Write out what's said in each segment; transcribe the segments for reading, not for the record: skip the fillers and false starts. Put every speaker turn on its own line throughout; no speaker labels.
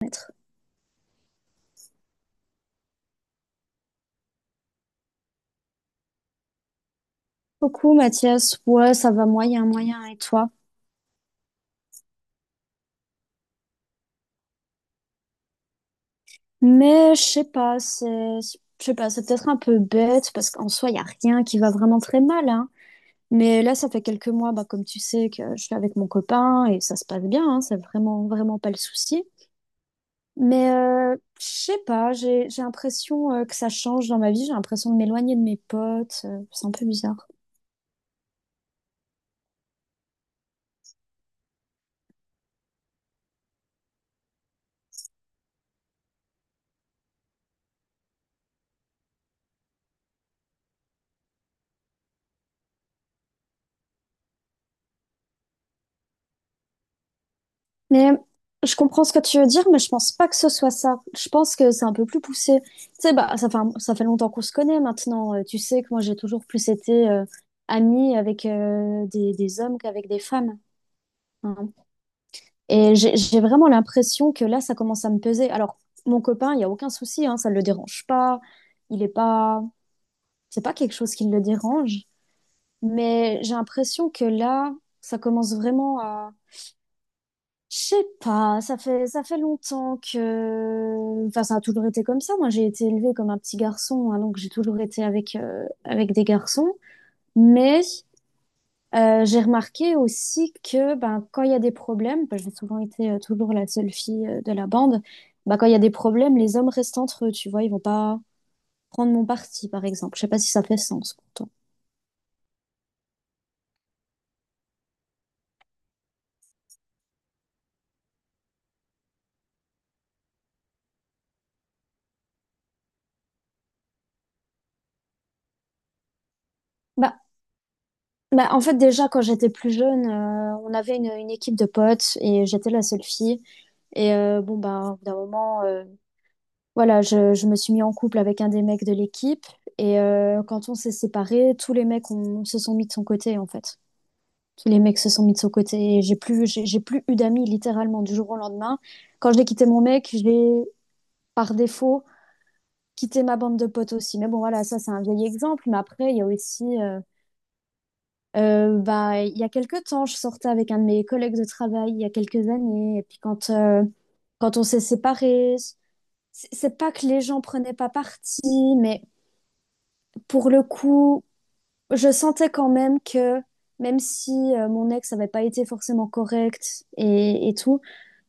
Merci beaucoup, Mathias. Ouais, ça va moyen, moyen, et toi? Mais je sais pas, c'est, je sais pas, c'est peut-être un peu bête parce qu'en soi, il y a rien qui va vraiment très mal, hein. Mais là, ça fait quelques mois, bah, comme tu sais, que je suis avec mon copain et ça se passe bien, hein, c'est vraiment, vraiment pas le souci. Mais je sais pas, j'ai l'impression que ça change dans ma vie, j'ai l'impression de m'éloigner de mes potes, c'est un peu bizarre. Mais je comprends ce que tu veux dire, mais je pense pas que ce soit ça. Je pense que c'est un peu plus poussé. Tu sais, bah, ça fait longtemps qu'on se connaît maintenant. Tu sais que moi, j'ai toujours plus été amie avec des hommes qu'avec des femmes. Hein. Et j'ai vraiment l'impression que là, ça commence à me peser. Alors, mon copain, il n'y a aucun souci, hein, ça ne le dérange pas. Il est pas... C'est pas quelque chose qui le dérange. Mais j'ai l'impression que là, ça commence vraiment. Je sais pas, ça fait longtemps que... Enfin, ça a toujours été comme ça. Moi, j'ai été élevée comme un petit garçon, hein, donc j'ai toujours été avec, avec des garçons. Mais j'ai remarqué aussi que ben, quand il y a des problèmes, ben, j'ai souvent été toujours la seule fille de la bande, ben, quand il y a des problèmes, les hommes restent entre eux, tu vois, ils vont pas prendre mon parti, par exemple. Je sais pas si ça fait sens pour toi. Bah, bah, en fait, déjà, quand j'étais plus jeune, on avait une équipe de potes et j'étais la seule fille. Et bon, bah, au bout d'un moment, voilà, je me suis mis en couple avec un des mecs de l'équipe et quand on s'est séparés, tous les mecs ont- se sont mis de son côté en fait. Tous les mecs se sont mis de son côté et j'ai plus, j'ai plus eu d'amis littéralement du jour au lendemain. Quand j'ai quitté mon mec, j'ai par défaut quitté ma bande de potes aussi. Mais bon, voilà, ça c'est un vieil exemple. Mais après, il y a aussi, bah, il y a quelques temps, je sortais avec un de mes collègues de travail il y a quelques années et puis quand, quand on s'est séparés, c'est pas que les gens prenaient pas parti, mais pour le coup, je sentais quand même que, même si mon ex n'avait pas été forcément correct et tout,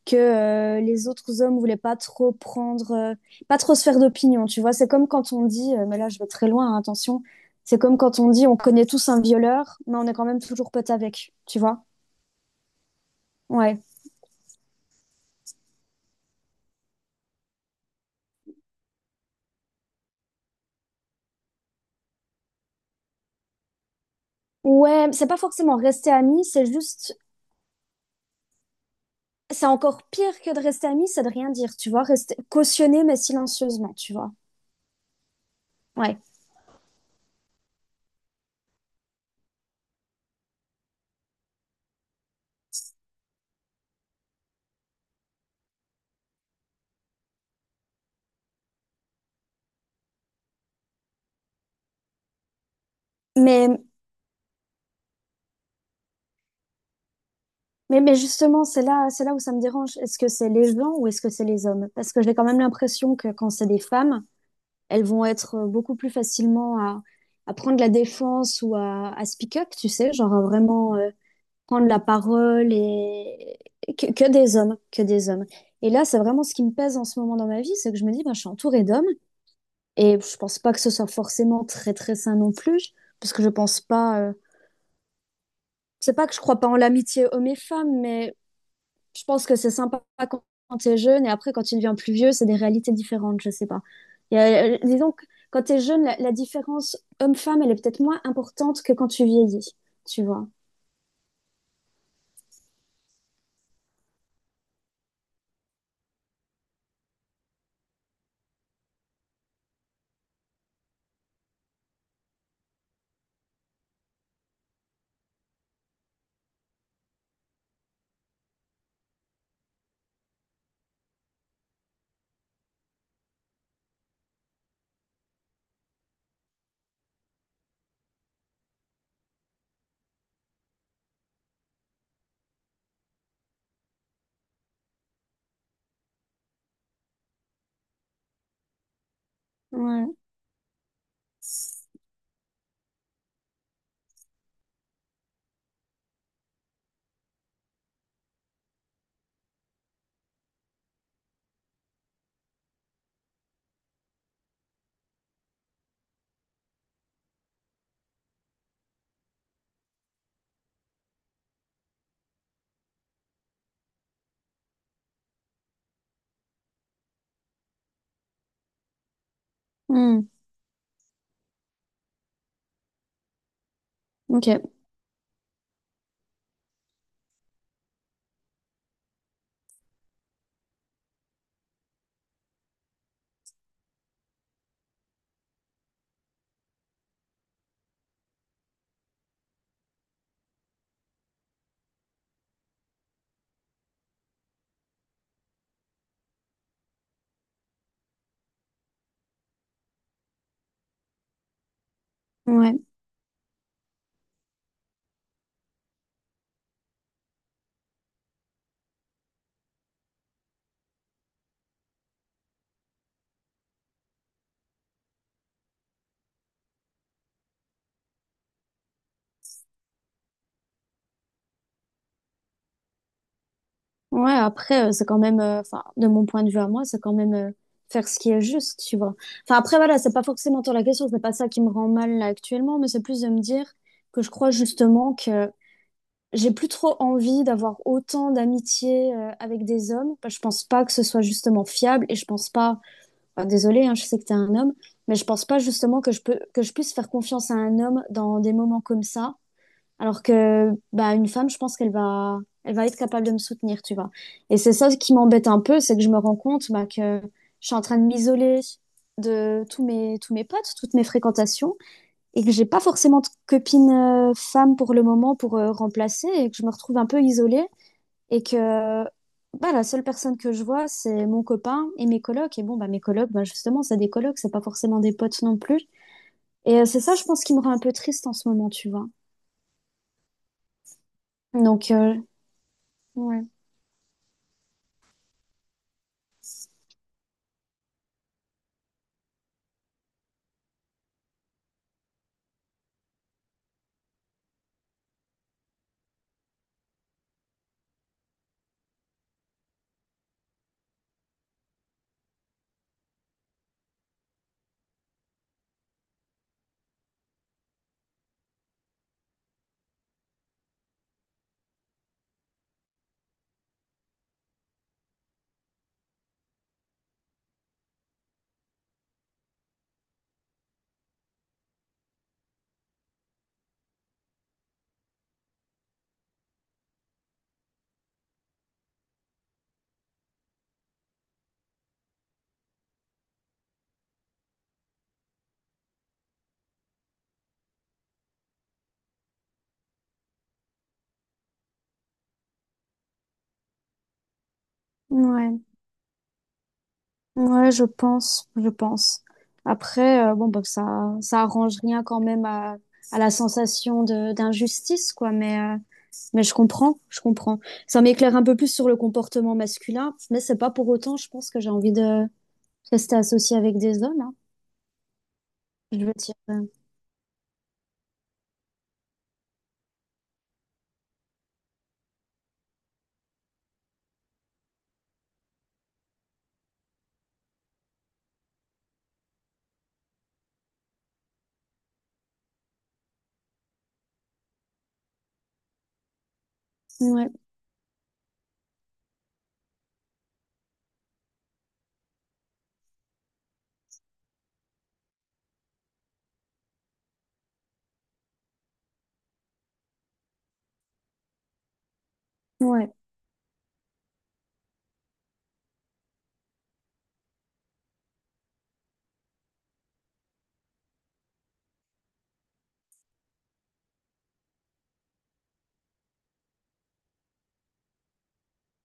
que les autres hommes voulaient pas trop prendre, pas trop se faire d'opinion, tu vois. C'est comme quand on dit, mais là je vais très loin, hein, attention, c'est comme quand on dit on connaît tous un violeur, mais on est quand même toujours potes avec, tu vois. Ouais. Ouais, c'est pas forcément rester ami, c'est juste, c'est encore pire que de rester ami, c'est de rien dire, tu vois, rester cautionner mais silencieusement, tu vois. Ouais. Mais mais justement, c'est là où ça me dérange. Est-ce que c'est les gens ou est-ce que c'est les hommes? Parce que j'ai quand même l'impression que quand c'est des femmes, elles vont être beaucoup plus facilement à prendre la défense ou à speak up, tu sais, genre à vraiment prendre la parole et que des hommes, que des hommes. Et là, c'est vraiment ce qui me pèse en ce moment dans ma vie, c'est que je me dis, bah, je suis entourée d'hommes et je pense pas que ce soit forcément très très sain non plus, parce que je pense pas. C'est pas que je crois pas en l'amitié hommes et femmes, mais je pense que c'est sympa quand quand t'es jeune et après quand tu deviens plus vieux, c'est des réalités différentes, je sais pas. Disons que quand t'es jeune, la différence homme-femme, elle est peut-être moins importante que quand tu vieillis, tu vois. Ouais. Hmm. Ok. Ouais. Ouais, après, c'est quand même, enfin, de mon point de vue à moi, c'est quand même faire ce qui est juste, tu vois. Enfin, après, voilà, c'est pas forcément tant la question, c'est pas ça qui me rend mal là, actuellement, mais c'est plus de me dire que je crois justement que j'ai plus trop envie d'avoir autant d'amitié avec des hommes. Bah, je pense pas que ce soit justement fiable et je pense pas. Enfin, désolée, hein, je sais que t'es un homme, mais je pense pas justement que je puisse faire confiance à un homme dans des moments comme ça. Alors que bah une femme, je pense qu'elle va, elle va être capable de me soutenir, tu vois. Et c'est ça qui m'embête un peu, c'est que je me rends compte bah, que je suis en train de m'isoler de tous mes potes, toutes mes fréquentations et que j'ai pas forcément de copine femme pour le moment pour remplacer et que je me retrouve un peu isolée et que bah, la seule personne que je vois, c'est mon copain et mes colocs. Et bon, bah, mes colocs, bah, justement, c'est des colocs, c'est pas forcément des potes non plus. Et c'est ça, je pense, qui me rend un peu triste en ce moment, tu vois. Donc, ouais. Ouais. Ouais, je pense, je pense. Après, bon, bah, ça arrange rien quand même à la sensation de d'injustice, quoi. Mais je comprends, je comprends. Ça m'éclaire un peu plus sur le comportement masculin, mais c'est pas pour autant, je pense que j'ai envie de rester associée avec des hommes, hein. Je veux dire, ouais, ouais,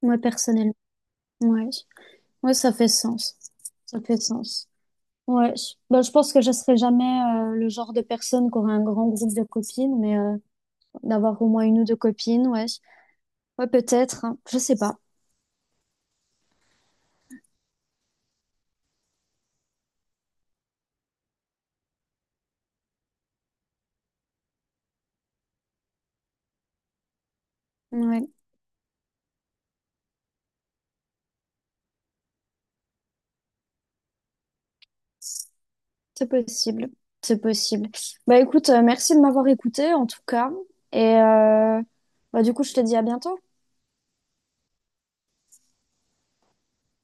moi personnellement, ouais, ouais, ça fait sens, ça fait sens. Ouais, bah, je pense que je serai jamais le genre de personne qui aura un grand groupe de copines, mais d'avoir au moins une ou deux copines, ouais. Ouais, peut-être, hein. Je sais pas. Ouais, c'est possible. C'est possible. Bah écoute, merci de m'avoir écouté en tout cas. Et bah, du coup, je te dis à bientôt.